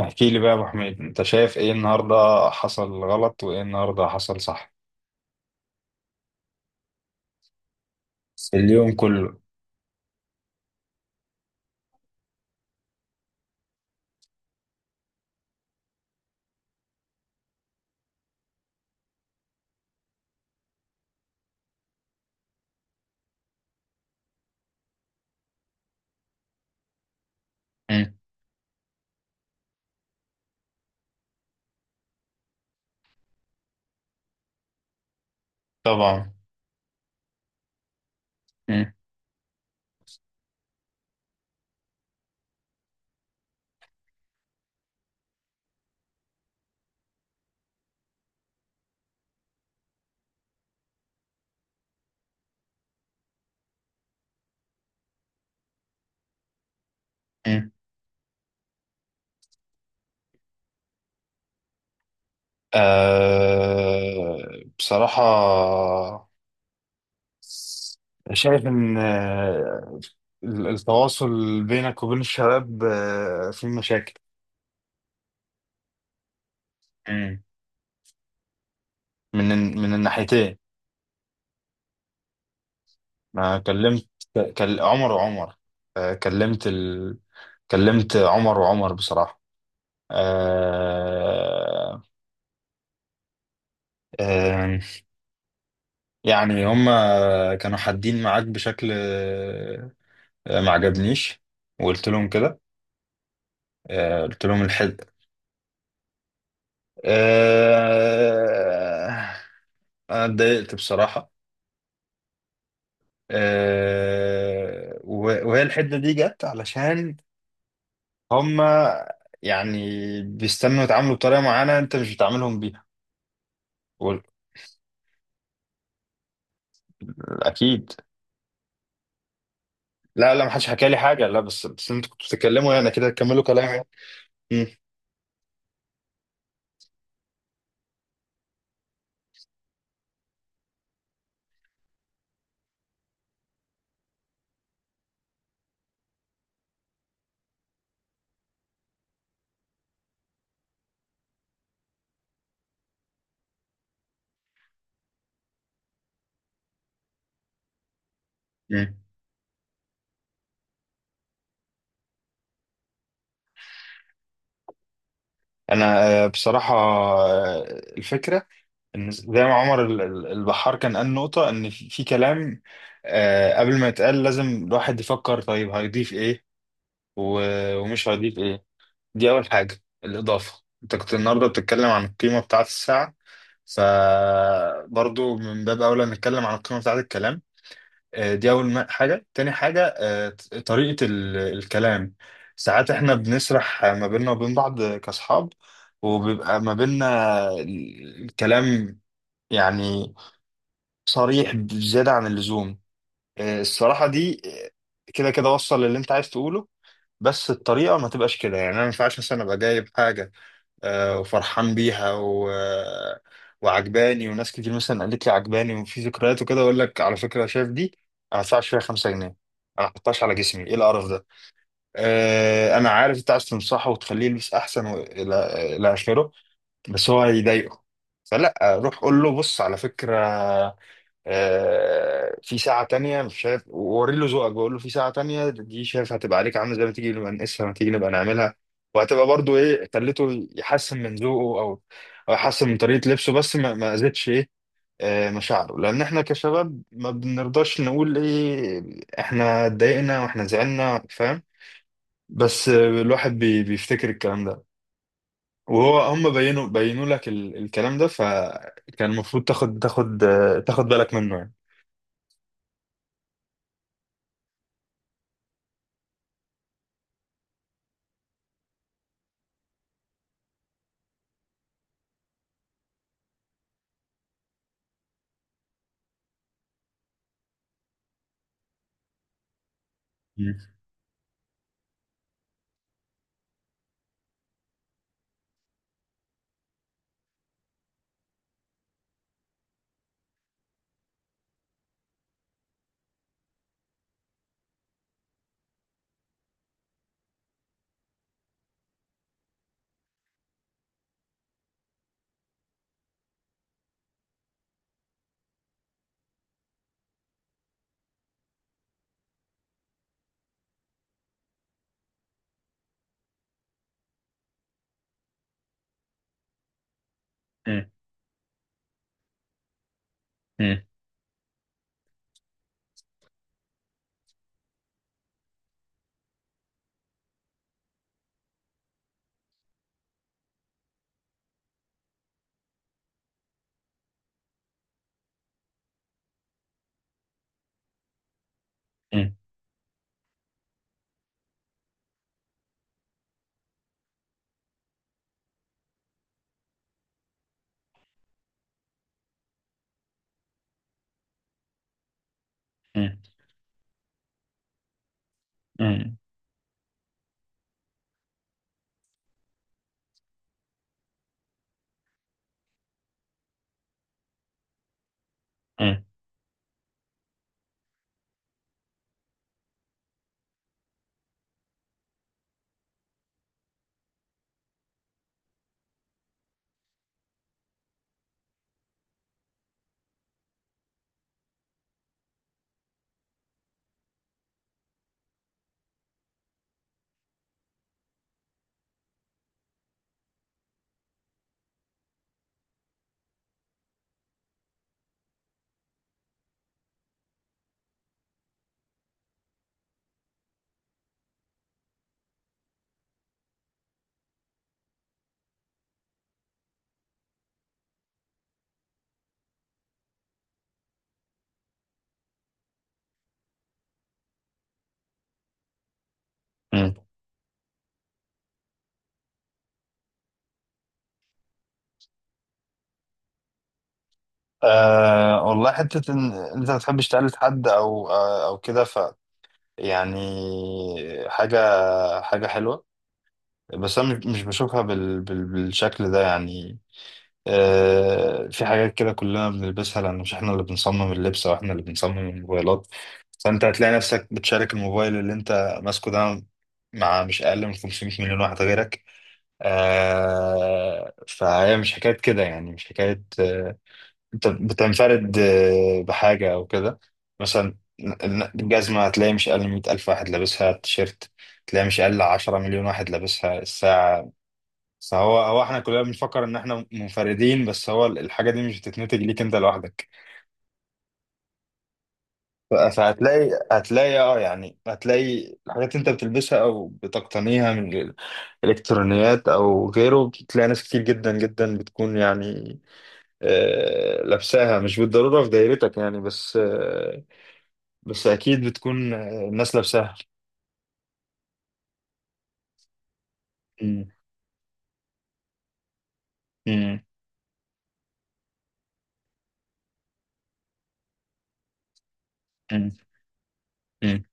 احكي لي بقى يا ابو حميد، انت شايف ايه النهارده حصل غلط وايه النهارده حصل صح في اليوم كله؟ مم. طبعا. مم. مم. أه، بصراحة شايف ان التواصل بينك وبين الشباب فيه مشاكل. مم. من الناحيتين. انا كلمت كل عمر وعمر، آه، كلمت ال... كلمت عمر وعمر بصراحة. أه... آه، يعني هما كانوا حادين معاك بشكل ما عجبنيش، وقلت لهم كده. قلت لهم الحد. آه، انا اتضايقت بصراحة. وهي الحدة دي جت علشان هما، يعني، بيستنوا يتعاملوا بطريقة معينة انت مش بتعاملهم بيها. وال- اكيد. لا، لا، ما حدش حكى لي حاجة، لا، بس انتوا كنتوا بتتكلموا يعني كده، تكملوا كلامي. مم. مم. انا، بصراحة، الفكرة إن زي ما عمر البحار كان قال نقطة، إن في كلام قبل ما يتقال لازم الواحد يفكر طيب هيضيف إيه ومش هيضيف إيه. دي أول حاجة، الإضافة، أنت كنت النهاردة بتتكلم عن القيمة بتاعة الساعة، فبرضو من باب أولى نتكلم عن القيمة بتاعة الكلام. دي أول حاجة، تاني حاجة طريقة الكلام. ساعات إحنا بنسرح ما بيننا وبين بعض كأصحاب، وبيبقى ما بيننا الكلام يعني صريح بزيادة عن اللزوم. الصراحة دي آه، كده كده وصل للي انت عايز تقوله، بس الطريقة ما تبقاش كده. يعني، انا ما ينفعش مثلا ابقى جايب حاجة وفرحان بيها و... آه، وعجباني، وناس كتير مثلا قالت لي عجباني وفي ذكريات وكده، اقول لك على فكرة شايف دي، انا ما ادفعش فيها 5 جنيه، انا ما احطهاش على جسمي، ايه القرف ده. انا عارف انت عايز تنصحه وتخليه يلبس احسن، والى اخره، بس هو هيضايقه. فلا، روح قول له بص على فكرة في ساعة تانية، مش شايف، ووري له ذوقك، بقول له في ساعة تانية دي شايف، هتبقى عليك عاملة زي، ما تيجي نبقى نقيسها، ما تيجي نبقى نعملها، وهتبقى برضو ايه، خليته يحسن من ذوقه، او يحسن من طريقة لبسه، بس ما اذيتش ايه مشاعره، لان احنا كشباب ما بنرضاش نقول ايه، احنا اتضايقنا واحنا زعلنا، فاهم. بس الواحد بيفتكر الكلام ده، وهو هم بينوا لك الكلام ده، فكان المفروض تاخد بالك منه يعني. مم. مم. مم. مم. مم. مم. مم. أه، والله حتة إن أنت ما بتحبش تقلد حد، أو كده، يعني، حاجة حاجة حلوة. بس أنا مش بشوفها بالشكل ده يعني. أه، في حاجات كده كلنا بنلبسها، لأن مش إحنا اللي بنصمم اللبس أو إحنا اللي بنصمم الموبايلات. فأنت هتلاقي نفسك بتشارك الموبايل اللي أنت ماسكه ده مع مش أقل من 500 مليون واحد غيرك. أه، فهي مش حكاية كده يعني، مش حكاية انت بتنفرد بحاجة او كده. مثلا، الجزمة هتلاقي مش اقل من 100 الف واحد لابسها، التيشيرت تلاقي مش اقل 10 مليون واحد لابسها الساعة. فهو احنا كلنا بنفكر ان احنا منفردين، بس هو الحاجة دي مش بتتنتج ليك انت لوحدك. ف- فهتلاقي هتلاقي اه يعني هتلاقي الحاجات انت بتلبسها او بتقتنيها من الالكترونيات او غيره، بتلاقي ناس كتير جدا جدا بتكون يعني لابساها، مش بالضرورة في دايرتك يعني، بس اكيد بتكون الناس لابساها. مم. مم. مم. مم.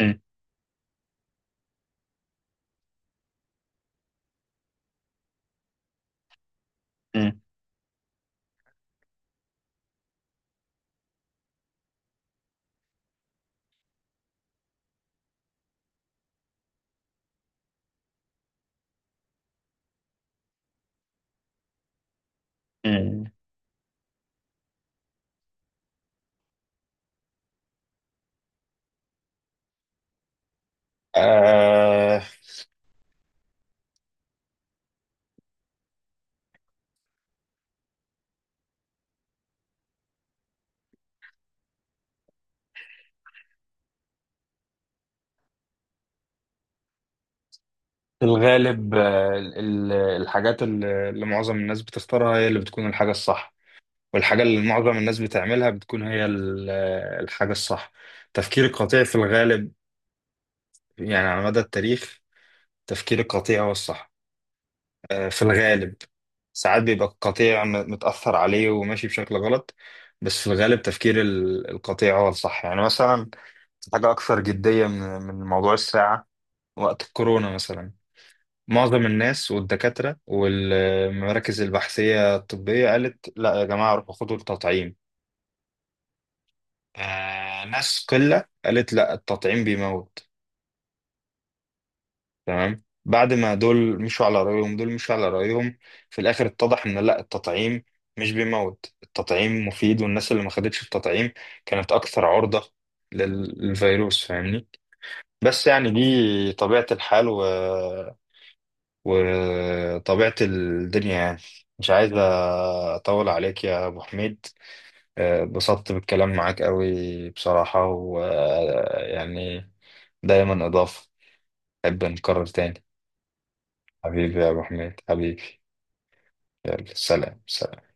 مم. مم. مم. آه، في الغالب الحاجات اللي معظم الناس بتختارها هي اللي بتكون الحاجة الصح، والحاجة اللي معظم الناس بتعملها بتكون هي الحاجة الصح. تفكير القطيع في الغالب، يعني، على مدى التاريخ تفكير القطيع هو الصح في الغالب. ساعات بيبقى القطيع متأثر عليه وماشي بشكل غلط، بس في الغالب تفكير القطيع هو الصح. يعني، مثلا، حاجة أكثر جدية من موضوع الساعة. وقت الكورونا مثلا معظم الناس والدكاترة والمراكز البحثية الطبية قالت لا يا جماعة، روحوا خدوا التطعيم. آه، ناس قلة قالت لا، التطعيم بيموت، تمام. بعد ما دول مشوا على رأيهم دول مشوا على رأيهم في الآخر اتضح إن لا، التطعيم مش بيموت، التطعيم مفيد، والناس اللي ما خدتش التطعيم كانت أكثر عرضة للفيروس، فاهمني. بس يعني دي طبيعة الحال وطبيعة الدنيا يعني. مش عايز أطول عليك يا أبو حميد، اتبسطت بالكلام معاك قوي بصراحة، ويعني دايما إضافة، أحب نكرر تاني. حبيبي يا ابو حميد، حبيبي. يلا، سلام سلام.